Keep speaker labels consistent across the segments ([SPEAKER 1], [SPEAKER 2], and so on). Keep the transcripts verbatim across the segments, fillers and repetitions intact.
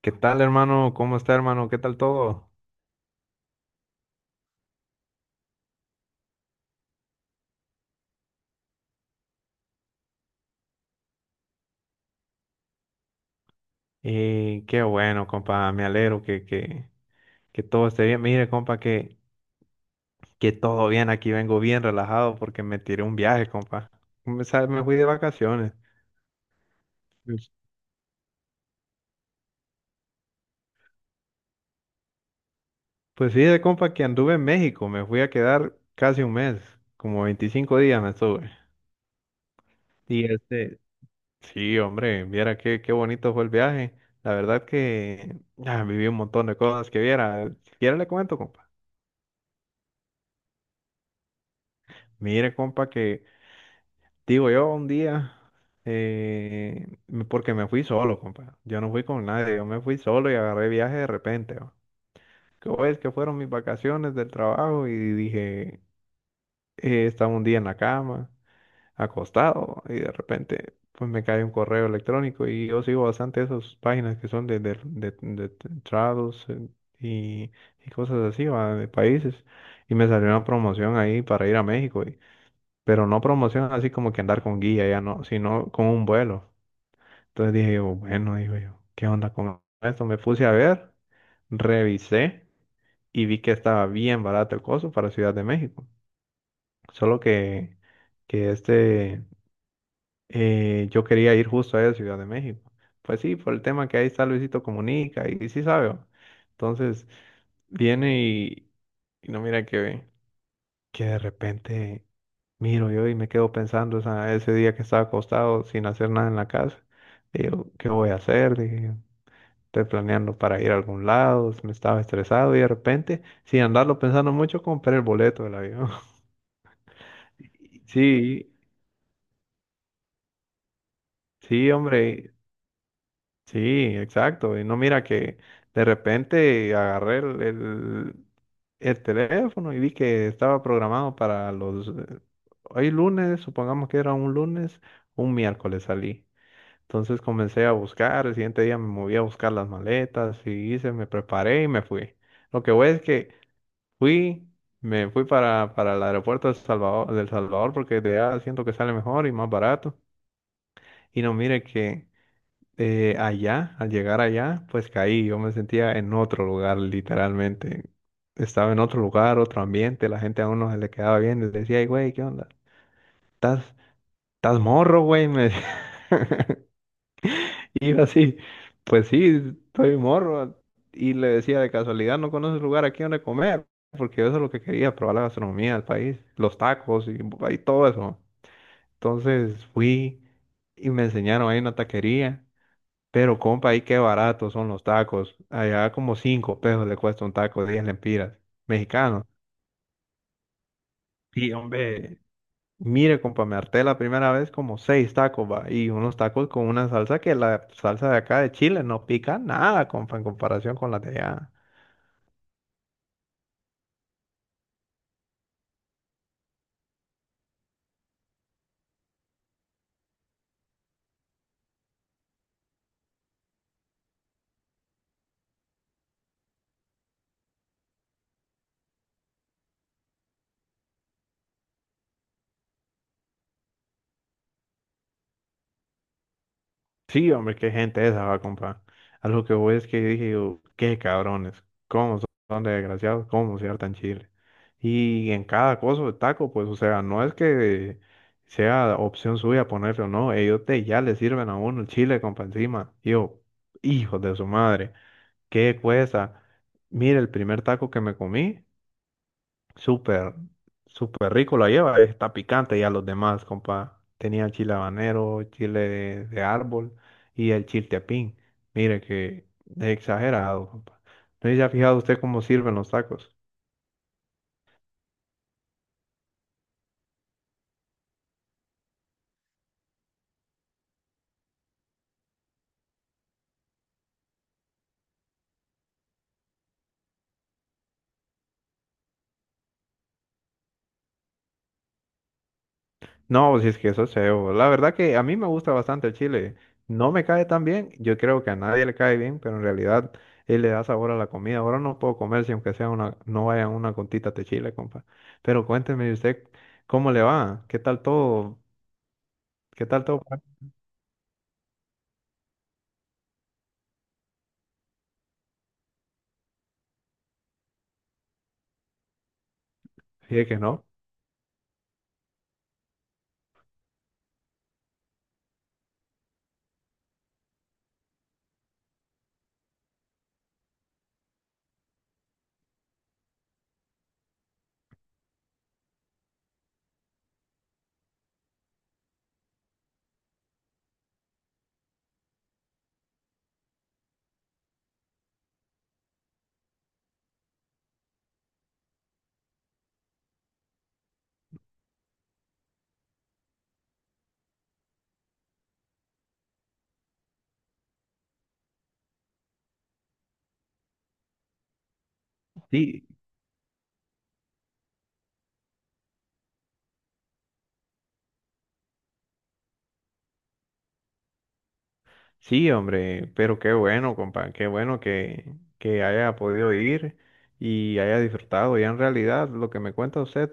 [SPEAKER 1] ¿Qué tal, hermano? ¿Cómo está, hermano? ¿Qué tal todo? Eh, qué bueno, compa. Me alegro que, que, que todo esté bien. Mire, compa, que, que todo bien. Aquí vengo bien relajado porque me tiré un viaje, compa. Me, sa- me fui de vacaciones. Pues pues sí, de compa, que anduve en México. Me fui a quedar casi un mes, como veinticinco días me estuve. Y este, sí, hombre, viera qué, qué bonito fue el viaje. La verdad que ah, viví un montón de cosas que viera. Si quiere le cuento, compa. Mire, compa, que digo, yo un día, eh, me- porque me fui solo, compa. Yo no fui con nadie, yo me fui solo y agarré viaje de repente, ¿va? Que pues, que fueron mis vacaciones del trabajo y dije, eh, estaba un día en la cama, acostado, y de repente pues me cae un correo electrónico y yo sigo bastante esas páginas que son de, de, de, de travels, eh, y, y cosas así, ¿va?, de países. Y me salió una promoción ahí para ir a México, pero no promoción así como que andar con guía, ya no, sino con un vuelo. Entonces dije yo, bueno, digo yo, ¿qué onda con esto? Me puse a ver, revisé y vi que estaba bien barato el costo para Ciudad de México. Solo que, que este, eh, yo quería ir justo a Ciudad de México. Pues sí, por el tema que ahí está Luisito Comunica y, sí sabe, ¿va? Entonces viene y, y no mira que ve, que de repente miro yo y me quedo pensando esa- ese día que estaba acostado sin hacer nada en la casa. Digo, ¿qué voy a hacer? Dije, yo estoy planeando para ir a algún lado, me estaba estresado y de repente, sin andarlo pensando mucho, compré el boleto del avión. Sí, sí, hombre, sí, exacto. Y no mira que de repente agarré el, el, el teléfono y vi que estaba programado para los... eh, Hoy lunes, supongamos que era un lunes, un miércoles salí. Entonces comencé a buscar, el siguiente día me moví a buscar las maletas y hice, me preparé y me fui. Lo que voy es que fui, me fui para, para el aeropuerto de Salvador, del Salvador, porque de allá siento que sale mejor y más barato. Y no, mire que eh, allá, al llegar allá, pues caí, yo me sentía en otro lugar literalmente. Estaba en otro lugar, otro ambiente, la gente a uno se le quedaba bien, les decía, "Ey, güey, ¿qué onda? ¿Estás, estás morro, güey?", me decía. Y yo así, pues sí, estoy morro. Y le decía, de casualidad, ¿no conoces lugar aquí donde comer? Porque eso es lo que quería, probar la gastronomía del país, los tacos y, y todo eso. Entonces fui y me enseñaron ahí una taquería. Pero compa, ahí qué baratos son los tacos. Allá como cinco pesos le cuesta un taco, diez lempiras, mexicano. Y hombre, mire, compa, me harté la primera vez como seis tacos, va, y unos tacos con una salsa que la salsa de acá de Chile no pica nada, compa, en comparación con la de allá. Sí, hombre, qué gente esa, va, compa. A lo que voy es que dije, yo, qué cabrones, cómo son son de desgraciados, cómo se hartan Chile. Y en cada cosa de taco, pues, o sea, no es que sea opción suya ponerlo, no, ellos te, ya le sirven a uno el chile, compa, encima. Y yo, hijo de su madre. ¿Qué cuesta? Mire, el primer taco que me comí, súper, súper rico la lleva, está picante ya los demás, compa. Tenía chile habanero, chile de, de árbol y el chiltepín. Mire que es exagerado, compa. ¿No se ha fijado usted cómo sirven los tacos? No, pues si es que eso es cebo. La verdad que a mí me gusta bastante el chile. No me cae tan bien, yo creo que a nadie le cae bien, pero en realidad él le da sabor a la comida. Ahora no puedo comer si aunque sea una, no vaya una gotita de chile, compa. Pero cuénteme usted cómo le va, qué tal todo, qué tal todo. Sí, que no. Sí, sí, hombre, pero qué bueno, compa, qué bueno que, que haya podido ir y haya disfrutado. Ya en realidad lo que me cuenta usted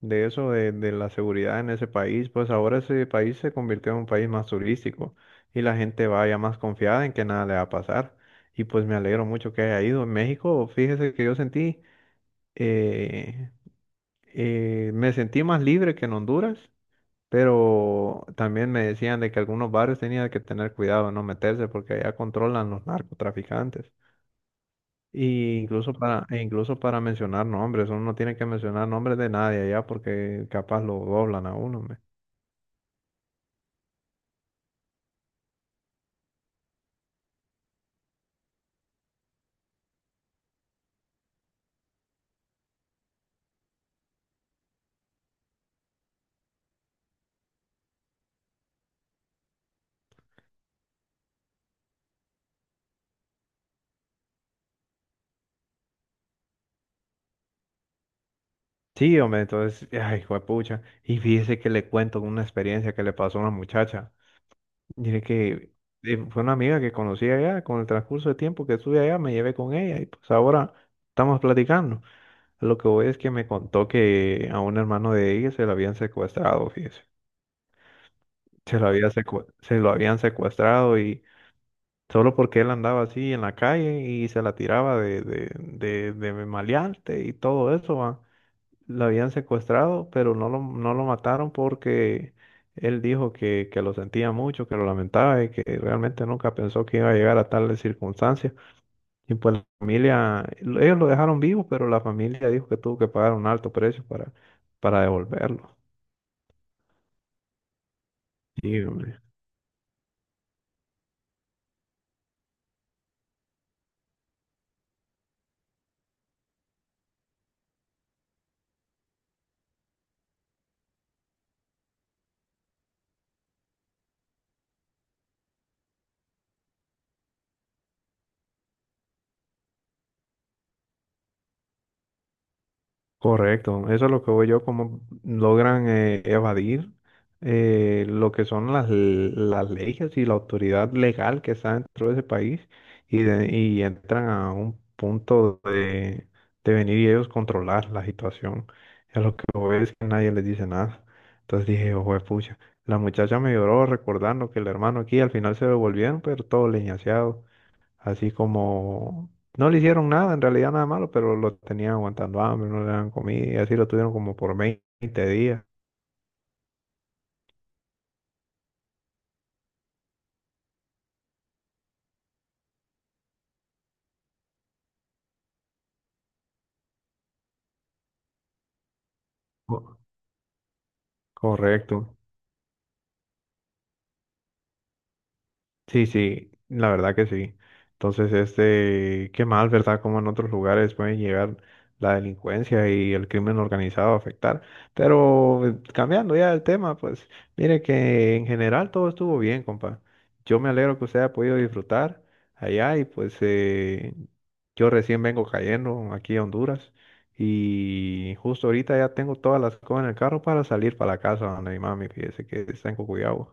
[SPEAKER 1] de eso, de, de la seguridad en ese país, pues ahora ese país se convirtió en un país más turístico y la gente va ya más confiada en que nada le va a pasar. Y pues me alegro mucho que haya ido. En México, fíjese que yo sentí, eh, eh, me sentí más libre que en Honduras, pero también me decían de que algunos barrios tenían que tener cuidado de no meterse porque allá controlan los narcotraficantes. Y incluso para, e incluso para mencionar nombres, uno no tiene que mencionar nombres de nadie allá porque capaz lo doblan a uno. Sí, hombre, entonces, ay, juepucha. Y fíjese que le cuento una experiencia que le pasó a una muchacha. Dije que eh, fue una amiga que conocí allá, con el transcurso de tiempo que estuve allá, me llevé con ella y pues ahora estamos platicando. Lo que voy es que me contó que a un hermano de ella se lo habían secuestrado, fíjese. Se lo había secue- se lo habían secuestrado y solo porque él andaba así en la calle y se la tiraba de, de, de, de maleante y todo eso, va. Lo habían secuestrado, pero no lo, no lo mataron porque él dijo que, que lo sentía mucho, que lo lamentaba y que realmente nunca pensó que iba a llegar a tales circunstancias. Y pues la familia, lo- ellos lo dejaron vivo, pero la familia dijo que tuvo que pagar un alto precio para, para devolverlo. Sí, hombre. Correcto, eso es lo que voy yo, cómo logran eh, evadir, eh, lo que son las, l- las leyes y la autoridad legal que está dentro de ese país y, de- y entran a un punto de, de venir y ellos controlar la situación. Es lo que voy es que nadie les dice nada. Entonces dije, ojo de pucha, la muchacha me lloró recordando que el hermano aquí al final se devolvieron, pero todo leñaseado. Así como no le hicieron nada, en realidad nada malo, pero lo tenían aguantando hambre, no le daban comida y así lo tuvieron como por veinte días. Co- Correcto. Sí, sí, la verdad que sí. Entonces, este, qué mal, ¿verdad? Como en otros lugares pueden llegar la delincuencia y el crimen organizado a afectar. Pero eh, cambiando ya el tema, pues mire que en general todo estuvo bien, compa. Yo me alegro que usted haya podido disfrutar allá y pues eh, yo recién vengo cayendo aquí a Honduras y justo ahorita ya tengo todas las cosas en el carro para salir para la casa donde mi mami, fíjese que está en Cocuyahoga.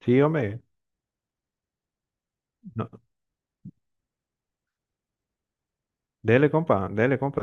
[SPEAKER 1] Sí, hombre, no, dele, compa, dele, compa.